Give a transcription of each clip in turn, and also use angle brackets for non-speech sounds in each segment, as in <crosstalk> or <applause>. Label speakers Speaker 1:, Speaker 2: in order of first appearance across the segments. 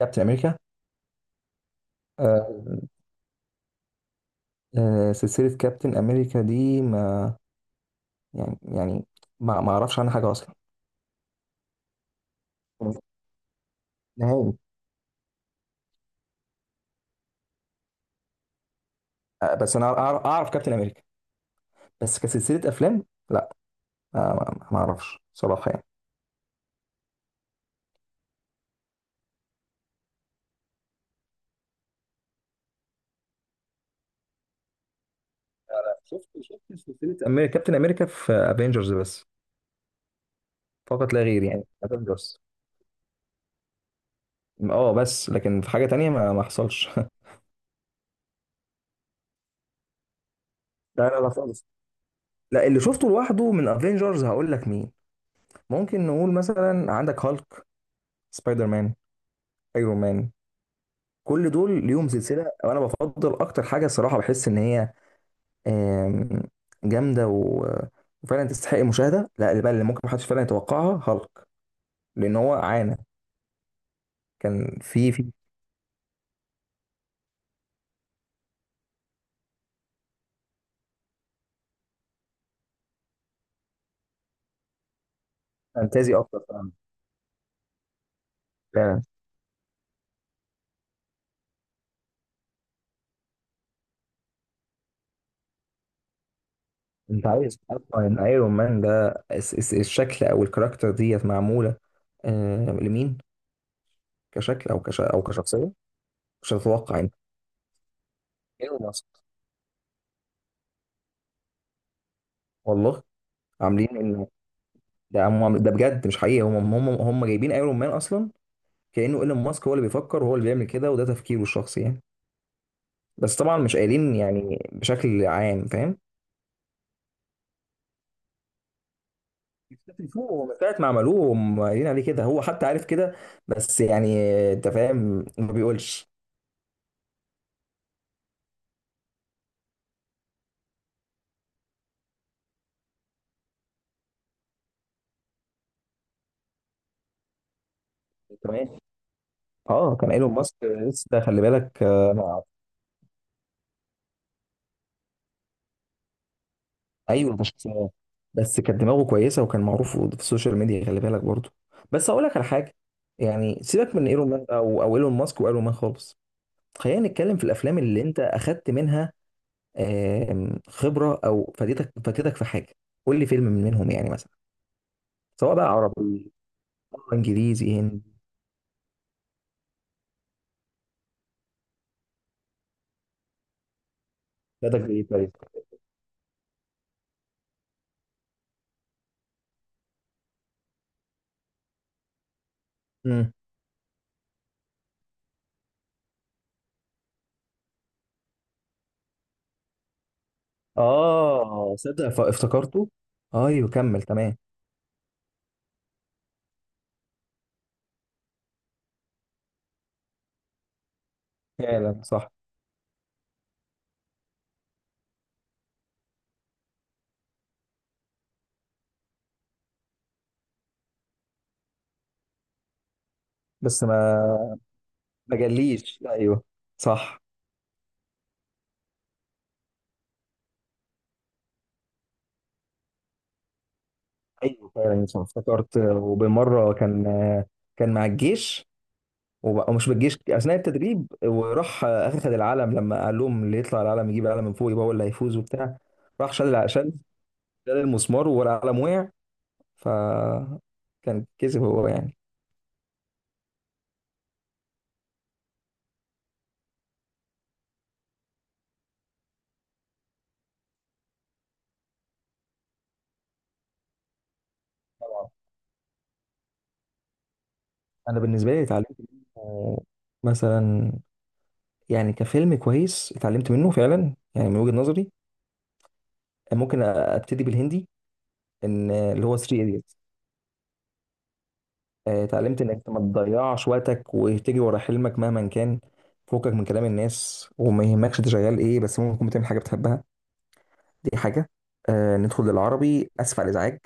Speaker 1: كابتن امريكا. آه آه، سلسله كابتن امريكا دي، ما يعني ما اعرفش عنها حاجه اصلا، نهائي. آه بس انا أعرف كابتن امريكا، بس كسلسله افلام. لا. آه ما اعرفش صراحه يعني. شفت سلسله امريكا كابتن امريكا في افنجرز بس، فقط لا غير، يعني افنجرز. اه بس لكن في حاجه تانية ما حصلش. <laughs> لا لا لا خالص. لا، اللي شفته لوحده من افنجرز هقول لك مين. ممكن نقول مثلا عندك هالك، سبايدر مان، ايرون مان. كل دول ليهم سلسله، وانا بفضل اكتر حاجه الصراحه بحس ان هي آم، جامده وفعلا تستحق المشاهده. لا اللي بقى اللي ممكن محدش فعلا يتوقعها هالك، لان هو عانى. كان في فانتازي اكتر فعلا. فعلا. انت عايز اصلا ان ايرون مان ده الشكل او الكاركتر ديت معموله لمين؟ كشكل او كشخصيه. مش هتتوقع انت. ايلون ماسك. والله. عاملين ان ده، هم ده بجد مش حقيقي، هم جايبين ايرون مان اصلا كأنه ايلون ماسك هو اللي بيفكر وهو اللي بيعمل كده، وده تفكيره الشخصي يعني. بس طبعا مش قايلين يعني بشكل عام، فاهم. بشكل فوق، هو من ساعة ما عملوه هم قايلين عليه كده، هو حتى عارف كده. بس يعني انت فاهم ما بيقولش. تمام اه. كان ايلون ماسك لسه ده خلي بالك ايوه مش. بس كانت دماغه كويسه وكان معروف في السوشيال ميديا خلي بالك برضه. بس هقول لك على حاجه، يعني سيبك من ايلون ماسك او ايلون ماسك وايلون مان خالص. خلينا نتكلم في الافلام اللي انت اخدت منها خبرة أو فادتك في حاجة. قول لي فيلم من منهم يعني، مثلا سواء بقى عربي، إنجليزي، هندي. فادك بإيه طيب؟ مم. آه صدق افتكرته. أيوه كمل. تمام. فعلا صح. بس ما جاليش. أيوه صح. أيوه فعلا صح افتكرت، وبالمرة كان كان مع الجيش ومش بالجيش أثناء التدريب، وراح أخذ العلم لما قال لهم اللي يطلع العلم يجيب العلم من فوق يبقى هو اللي هيفوز وبتاع. راح شال شال المسمار والقلم وقع. ف كان كسب هو يعني. طبعا. انا بالنسبه لي اتعلمت منه مثلا، يعني كفيلم كويس اتعلمت منه فعلا يعني، من وجهه نظري. ممكن ابتدي بالهندي ان اللي هو 3 ايديتس. اتعلمت انك ما تضيعش وقتك وتجري ورا حلمك مهما كان فوقك من كلام الناس، وما يهمكش انت شغال ايه، بس ممكن تكون بتعمل حاجه بتحبها. دي حاجه. آه ندخل للعربي، اسف على الازعاج.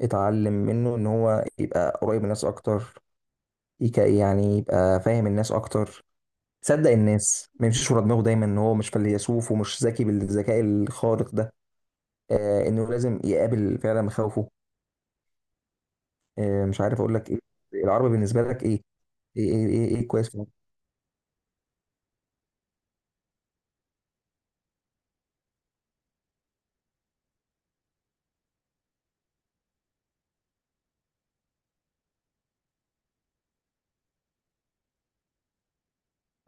Speaker 1: اتعلم منه ان هو يبقى قريب من الناس اكتر، يعني يبقى فاهم الناس اكتر، صدق الناس، ما يمشيش ورا دماغه دايما ان هو مش فيلسوف ومش ذكي بالذكاء الخارق ده. آه انه لازم يقابل فعلا مخاوفه. آه مش عارف اقول لك ايه. العربي بالنسبه لك ايه؟ إيه كويس فيه؟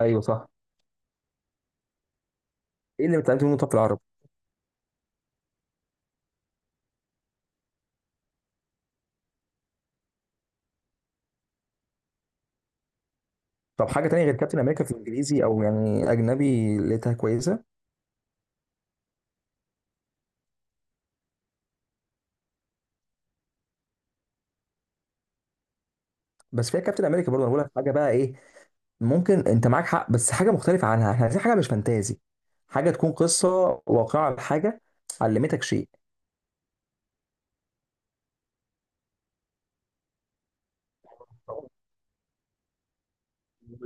Speaker 1: ايوه صح. ايه اللي اتعلمت منه طب في العربي؟ طب حاجه تانية غير كابتن امريكا في الانجليزي او يعني اجنبي لقيتها كويسه. بس فيها كابتن امريكا برضه، انا بقول لك حاجه بقى ايه. ممكن انت معاك حق بس حاجه مختلفه عنها، احنا عايزين حاجه مش فانتازي، حاجه تكون قصه واقعه لحاجه علمتك شيء.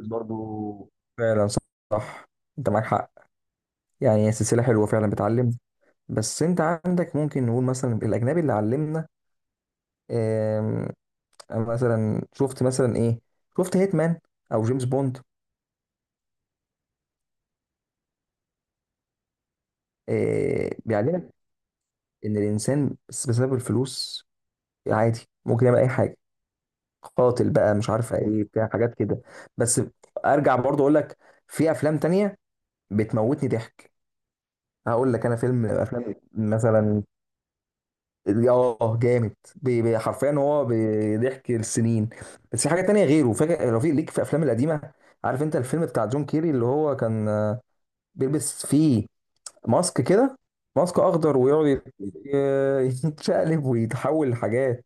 Speaker 1: برضه فعلا صح، انت معاك حق، يعني هي سلسله حلوه فعلا بتعلم. بس انت عندك، ممكن نقول مثلا الاجنبي اللي علمنا آم، أنا مثلا شفت مثلا ايه، شفت هيتمان او جيمس بوند. بيعلمك ان الانسان بس بسبب الفلوس عادي ممكن يعمل اي حاجه، قاتل بقى مش عارف ايه بتاع حاجات كده. بس ارجع برضه اقول لك في افلام تانية بتموتني ضحك. هقول لك انا فيلم افلام مثلا. اه جامد حرفيا هو بيضحك السنين. بس في حاجه تانية غيره، فاكر رفيق ليك في الافلام القديمه. عارف انت الفيلم بتاع جون كيري اللي هو كان بيلبس فيه ماسك كده، ماسك اخضر، ويقعد <laughs> يتشقلب ويتحول لحاجات.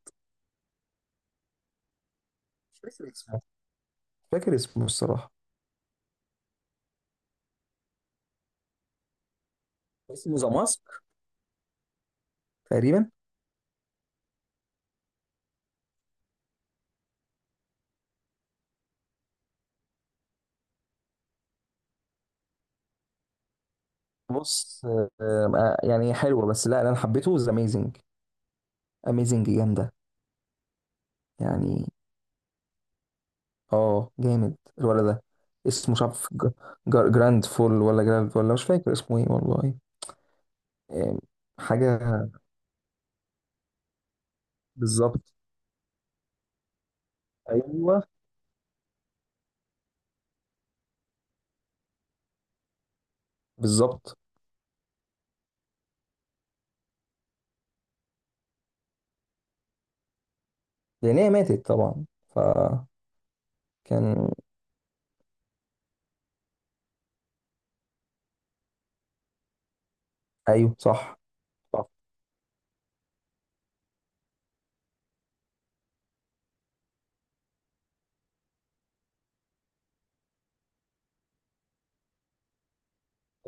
Speaker 1: مش فاكر اسمه. مش فاكر اسمه الصراحه. اسمه ذا ماسك تقريبا. بص يعني حلوه بس، لا انا حبيته ذا اميزنج. اميزنج جامده يعني. اه جامد الولد ده. اسمه مش عارف جراند فول ولا جراند، ولا مش فاكر اسمه ايه والله. إيه، حاجة بالظبط. ايوه بالظبط. لان هي ماتت طبعا، فكان. ايوه صح. صح.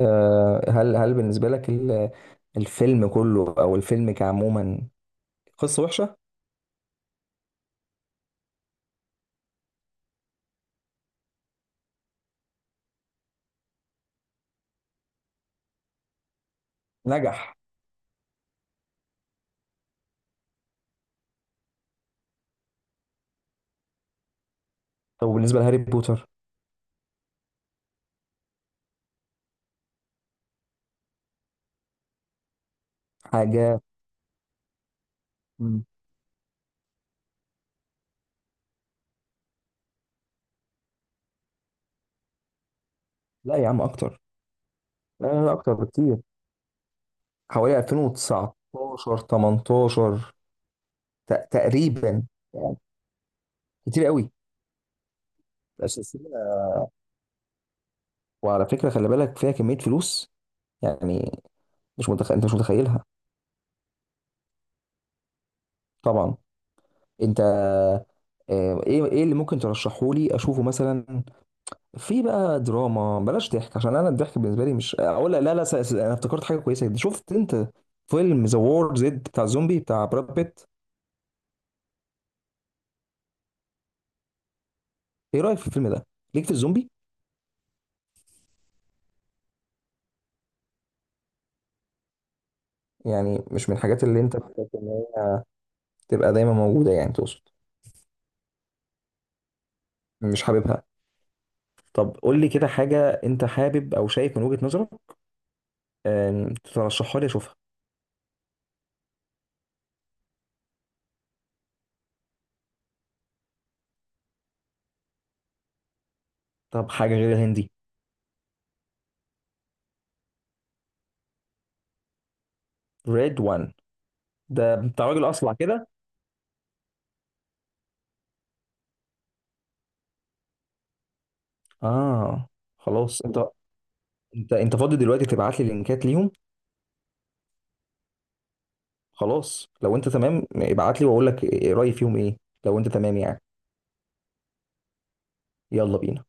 Speaker 1: هل بالنسبة لك الفيلم كله او الفيلم كعموما قصة وحشة؟ نجح. طب بالنسبة لهاري بوتر. حاجة. مم. لا يا عم اكتر. لا لا لا، اكتر بكتير، حوالي 2019 18 تقريبا يعني. كتير قوي الأساسية. وعلى فكرة خلي بالك فيها كمية فلوس يعني، مش متخ، انت مش متخيلها. طبعا. انت ايه اللي ممكن ترشحه لي اشوفه مثلا، في بقى دراما، بلاش ضحك عشان انا الضحك بالنسبة لي مش اقول لا. لا انا افتكرت حاجة كويسة جدا. شفت انت فيلم ذا وور زد بتاع الزومبي بتاع براد بيت؟ ايه رأيك في الفيلم ده، ليك في الزومبي؟ يعني مش من الحاجات اللي انت بتبقى دايما موجودة، يعني تقصد مش حاببها؟ طب قول لي كده حاجة أنت حابب أو شايف من وجهة نظرك ترشحها لي أشوفها. طب حاجة غير الهندي. ريد وان. ده بتاع راجل أصلع كده. آه. خلاص أنت فاضي دلوقتي تبعت لي لينكات ليهم؟ خلاص لو أنت تمام، ابعت لي وأقول لك رأيي فيهم إيه. لو أنت تمام يعني. يلا بينا.